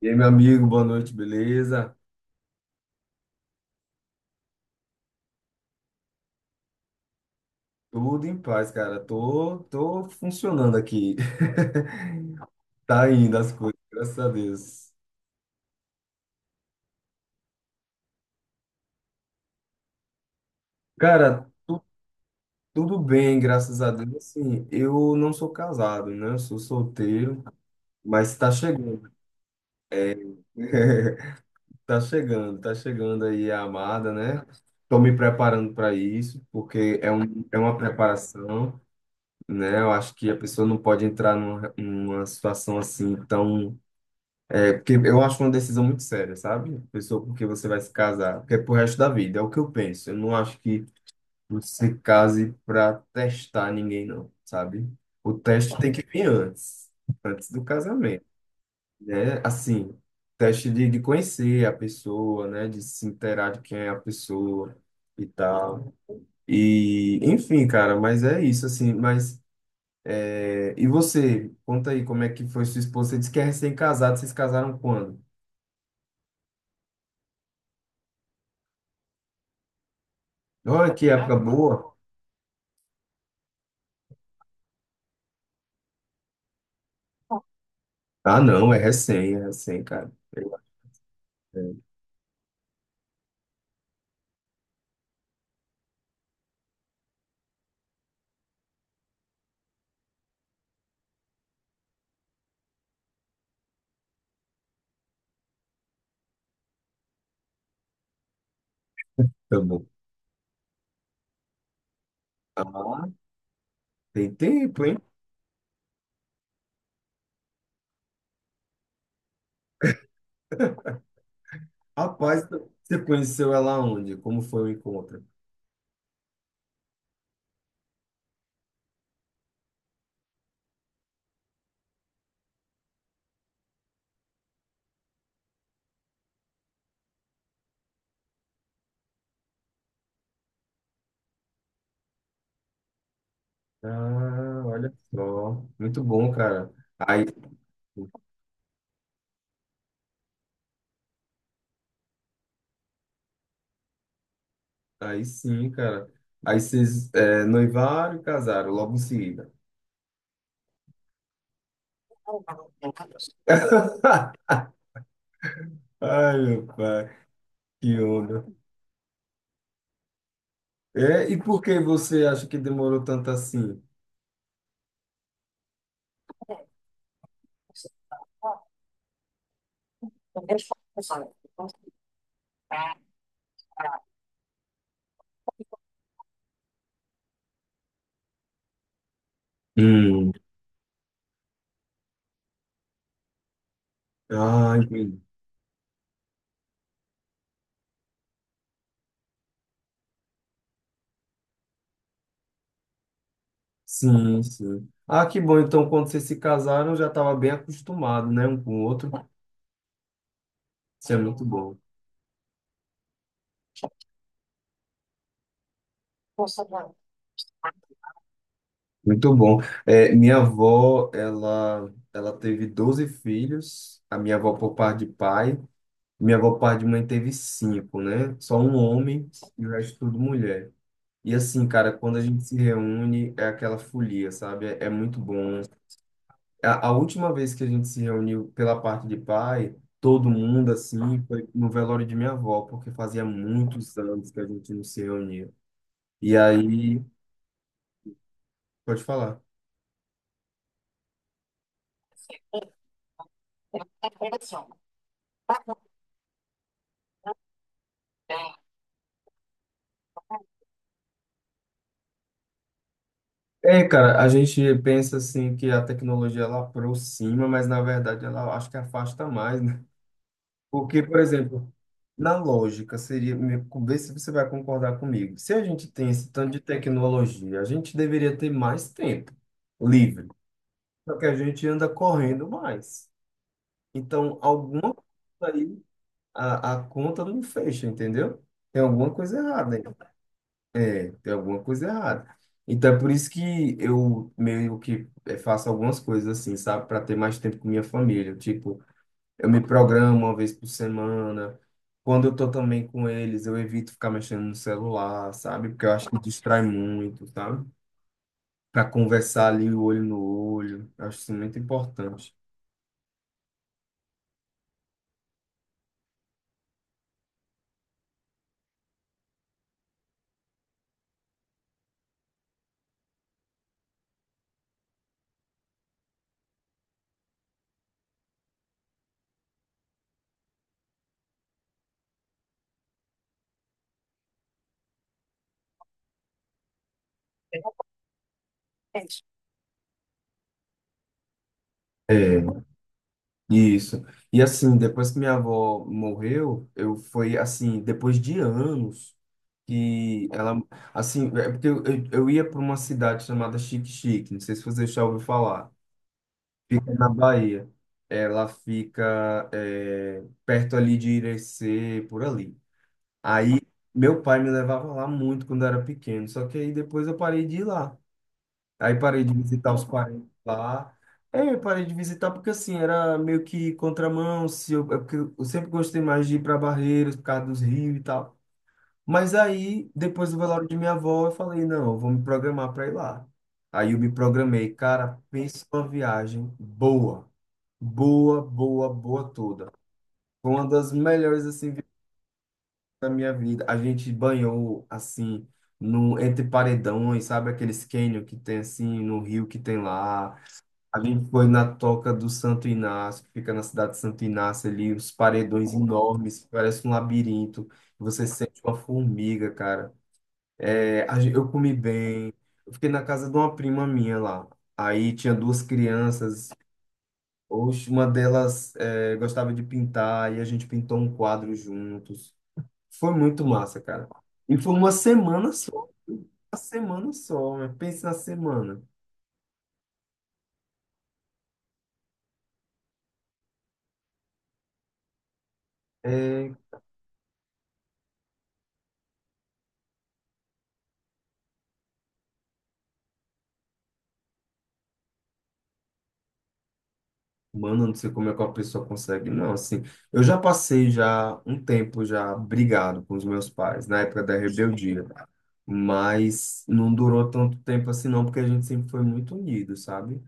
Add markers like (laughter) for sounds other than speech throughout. E aí, meu amigo, boa noite, beleza? Tudo em paz, cara. Tô funcionando aqui. (laughs) Tá indo as coisas, graças a Deus. Cara, tudo bem, graças a Deus. Assim, eu não sou casado, né? Eu sou solteiro, mas tá chegando. (laughs) Tá chegando aí a amada, né? Tô me preparando para isso, é uma preparação, né? Eu acho que a pessoa não pode entrar numa situação assim tão... É porque eu acho uma decisão muito séria, sabe? Pessoa com quem você vai se casar, porque é pro resto da vida, é o que eu penso. Eu não acho que você case pra testar ninguém, não, sabe? O teste tem que vir antes, antes do casamento, né? Assim, teste de conhecer a pessoa, né? De se inteirar de quem é a pessoa e tal. E, enfim, cara, mas é isso, assim. Mas, e você, conta aí como é que foi sua esposa? Você disse que é recém-casado, vocês casaram quando? Olha que época boa! Ah, não, é recém, cara. É, tá bom. Ah, tem tempo, hein? Rapaz, você conheceu ela onde? Como foi o encontro? Ah, olha só. Muito bom, cara. Aí, aí sim, cara. Aí vocês noivaram e casaram logo em seguida. (laughs) Ai, meu pai, que onda. É, e por que você acha que demorou tanto assim? Hum. Ah, entendi. Sim, sim. Ah, que bom. Então, quando vocês se casaram, já estava bem acostumado, né, um com o outro. Isso é muito bom. Muito bom. É, minha avó, ela teve 12 filhos. A minha avó por parte de pai. Minha avó por parte de mãe teve cinco, né? Só um homem e o resto tudo mulher. E assim, cara, quando a gente se reúne, é aquela folia, sabe? É, é muito bom. A última vez que a gente se reuniu pela parte de pai, todo mundo assim, foi no velório de minha avó, porque fazia muitos anos que a gente não se reunia. E aí, pode falar. É, cara, a gente pensa assim que a tecnologia ela aproxima, mas na verdade ela acho que afasta mais, né? Porque, por exemplo, na lógica seria, vê se você vai concordar comigo. Se a gente tem esse tanto de tecnologia, a gente deveria ter mais tempo livre. Só que a gente anda correndo mais. Então, alguma coisa aí, a conta não fecha, entendeu? Tem alguma coisa errada aí. É, tem alguma coisa errada. Então, é por isso que eu meio que faço algumas coisas assim, sabe? Para ter mais tempo com minha família. Tipo, eu me programo uma vez por semana. Quando eu tô também com eles, eu evito ficar mexendo no celular, sabe? Porque eu acho que distrai muito, sabe? Para conversar ali, o olho no olho. Eu acho isso muito importante. É Isso. E assim, depois que minha avó morreu, eu foi assim, depois de anos que ela, assim, é porque eu ia para uma cidade chamada Xique-Xique, não sei se você já ouviu falar. Fica na Bahia. Ela fica perto ali de Irecê, por ali. Aí meu pai me levava lá muito quando eu era pequeno, só que aí depois eu parei de ir lá. Aí parei de visitar os parentes lá. É, eu parei de visitar porque assim, era meio que contramão, se eu, é porque eu sempre gostei mais de ir para Barreiras por causa dos rios e tal. Mas aí, depois do velório de minha avó, eu falei, não, eu vou me programar para ir lá. Aí eu me programei, cara, pensa uma viagem boa, boa, boa, boa toda. Foi uma das melhores assim da minha vida. A gente banhou assim no entre paredões, sabe aqueles cânion que tem assim no rio que tem lá. A gente foi na Toca do Santo Inácio, que fica na cidade de Santo Inácio ali, os paredões enormes, que parece um labirinto. Você sente uma formiga, cara. É, eu comi bem. Eu fiquei na casa de uma prima minha lá. Aí tinha duas crianças. Oxe, uma delas gostava de pintar e a gente pintou um quadro juntos. Foi muito massa, cara. E foi uma semana só. Uma semana só, né? Pensa na semana. É, mano, eu não sei como é que a pessoa consegue, não, assim. Eu já passei já um tempo já brigado com os meus pais, na época da rebeldia, mas não durou tanto tempo assim não, porque a gente sempre foi muito unido, sabe?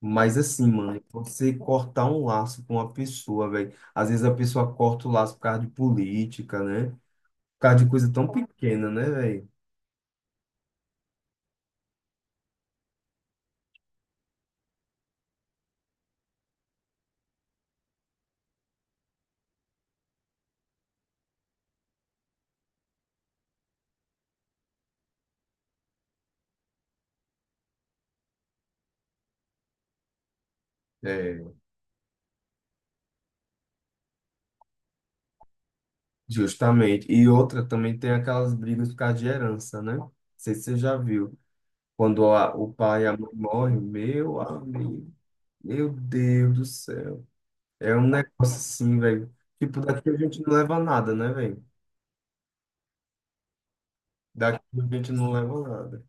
Mas assim, mano, você cortar um laço com uma pessoa, velho, às vezes a pessoa corta o laço por causa de política, né? Por causa de coisa tão pequena, né, velho? É, justamente. E outra também tem aquelas brigas por causa de herança, né? Não sei se você já viu. Quando o pai e a mãe morrem, meu amigo, meu Deus do céu. É um negócio assim, velho. Tipo, daqui a gente não leva nada, né, velho? Daqui a gente não leva nada.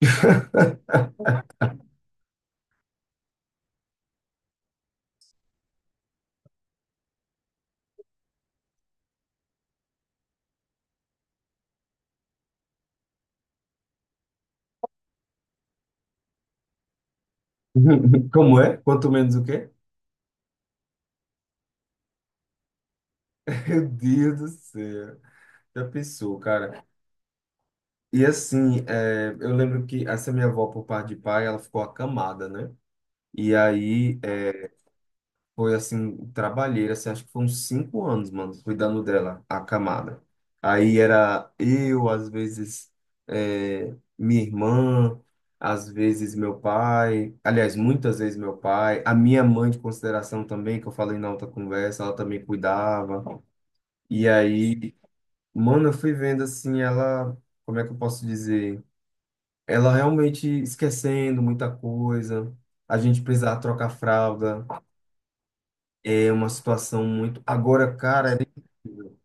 (laughs) Como é? Quanto menos o quê? Meu Deus do céu. Já pensou, cara? E assim, eu lembro que essa minha avó, por parte de pai, ela ficou acamada, né? E aí foi assim, trabalheira, assim, acho que foram uns 5 anos, mano, cuidando dela, a camada. Aí era eu, às vezes, minha irmã, às vezes meu pai, aliás, muitas vezes meu pai, a minha mãe de consideração também, que eu falei na outra conversa, ela também cuidava. E aí, mano, eu fui vendo assim, ela, como é que eu posso dizer? Ela realmente esquecendo muita coisa, a gente precisava trocar fralda. É uma situação muito... Agora, cara, era incrível.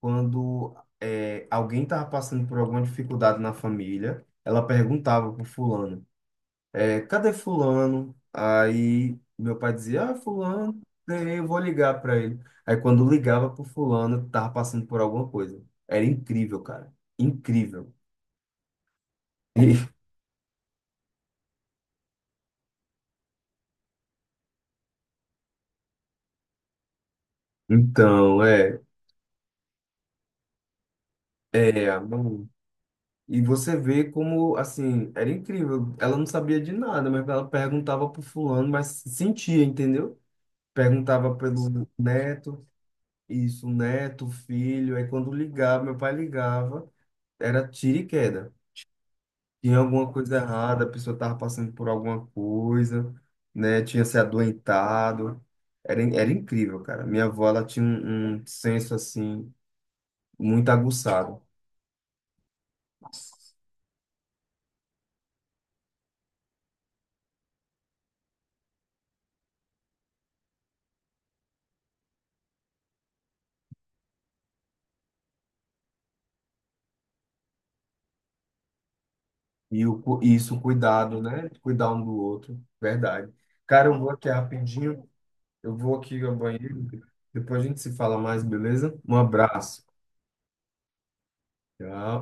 Quando alguém estava passando por alguma dificuldade na família, ela perguntava pro fulano, cadê fulano? Aí meu pai dizia, ah, fulano, eu vou ligar para ele. Aí quando ligava pro fulano, tava passando por alguma coisa. Era incrível, cara. Incrível. (laughs) Então, é, é, e você vê como, assim, era incrível. Ela não sabia de nada, mas ela perguntava pro fulano, mas sentia, entendeu? Perguntava pelo neto, isso, neto, filho. Aí quando ligava, meu pai ligava, era tiro e queda. Tinha alguma coisa errada, a pessoa estava passando por alguma coisa, né? Tinha se adoentado. Era, era incrível, cara. Minha avó, ela tinha um senso, assim, muito aguçado. E o, isso, um cuidado, né? Cuidar um do outro, verdade. Cara, eu vou aqui rapidinho, eu vou aqui ao banheiro, depois a gente se fala mais, beleza? Um abraço. Tchau.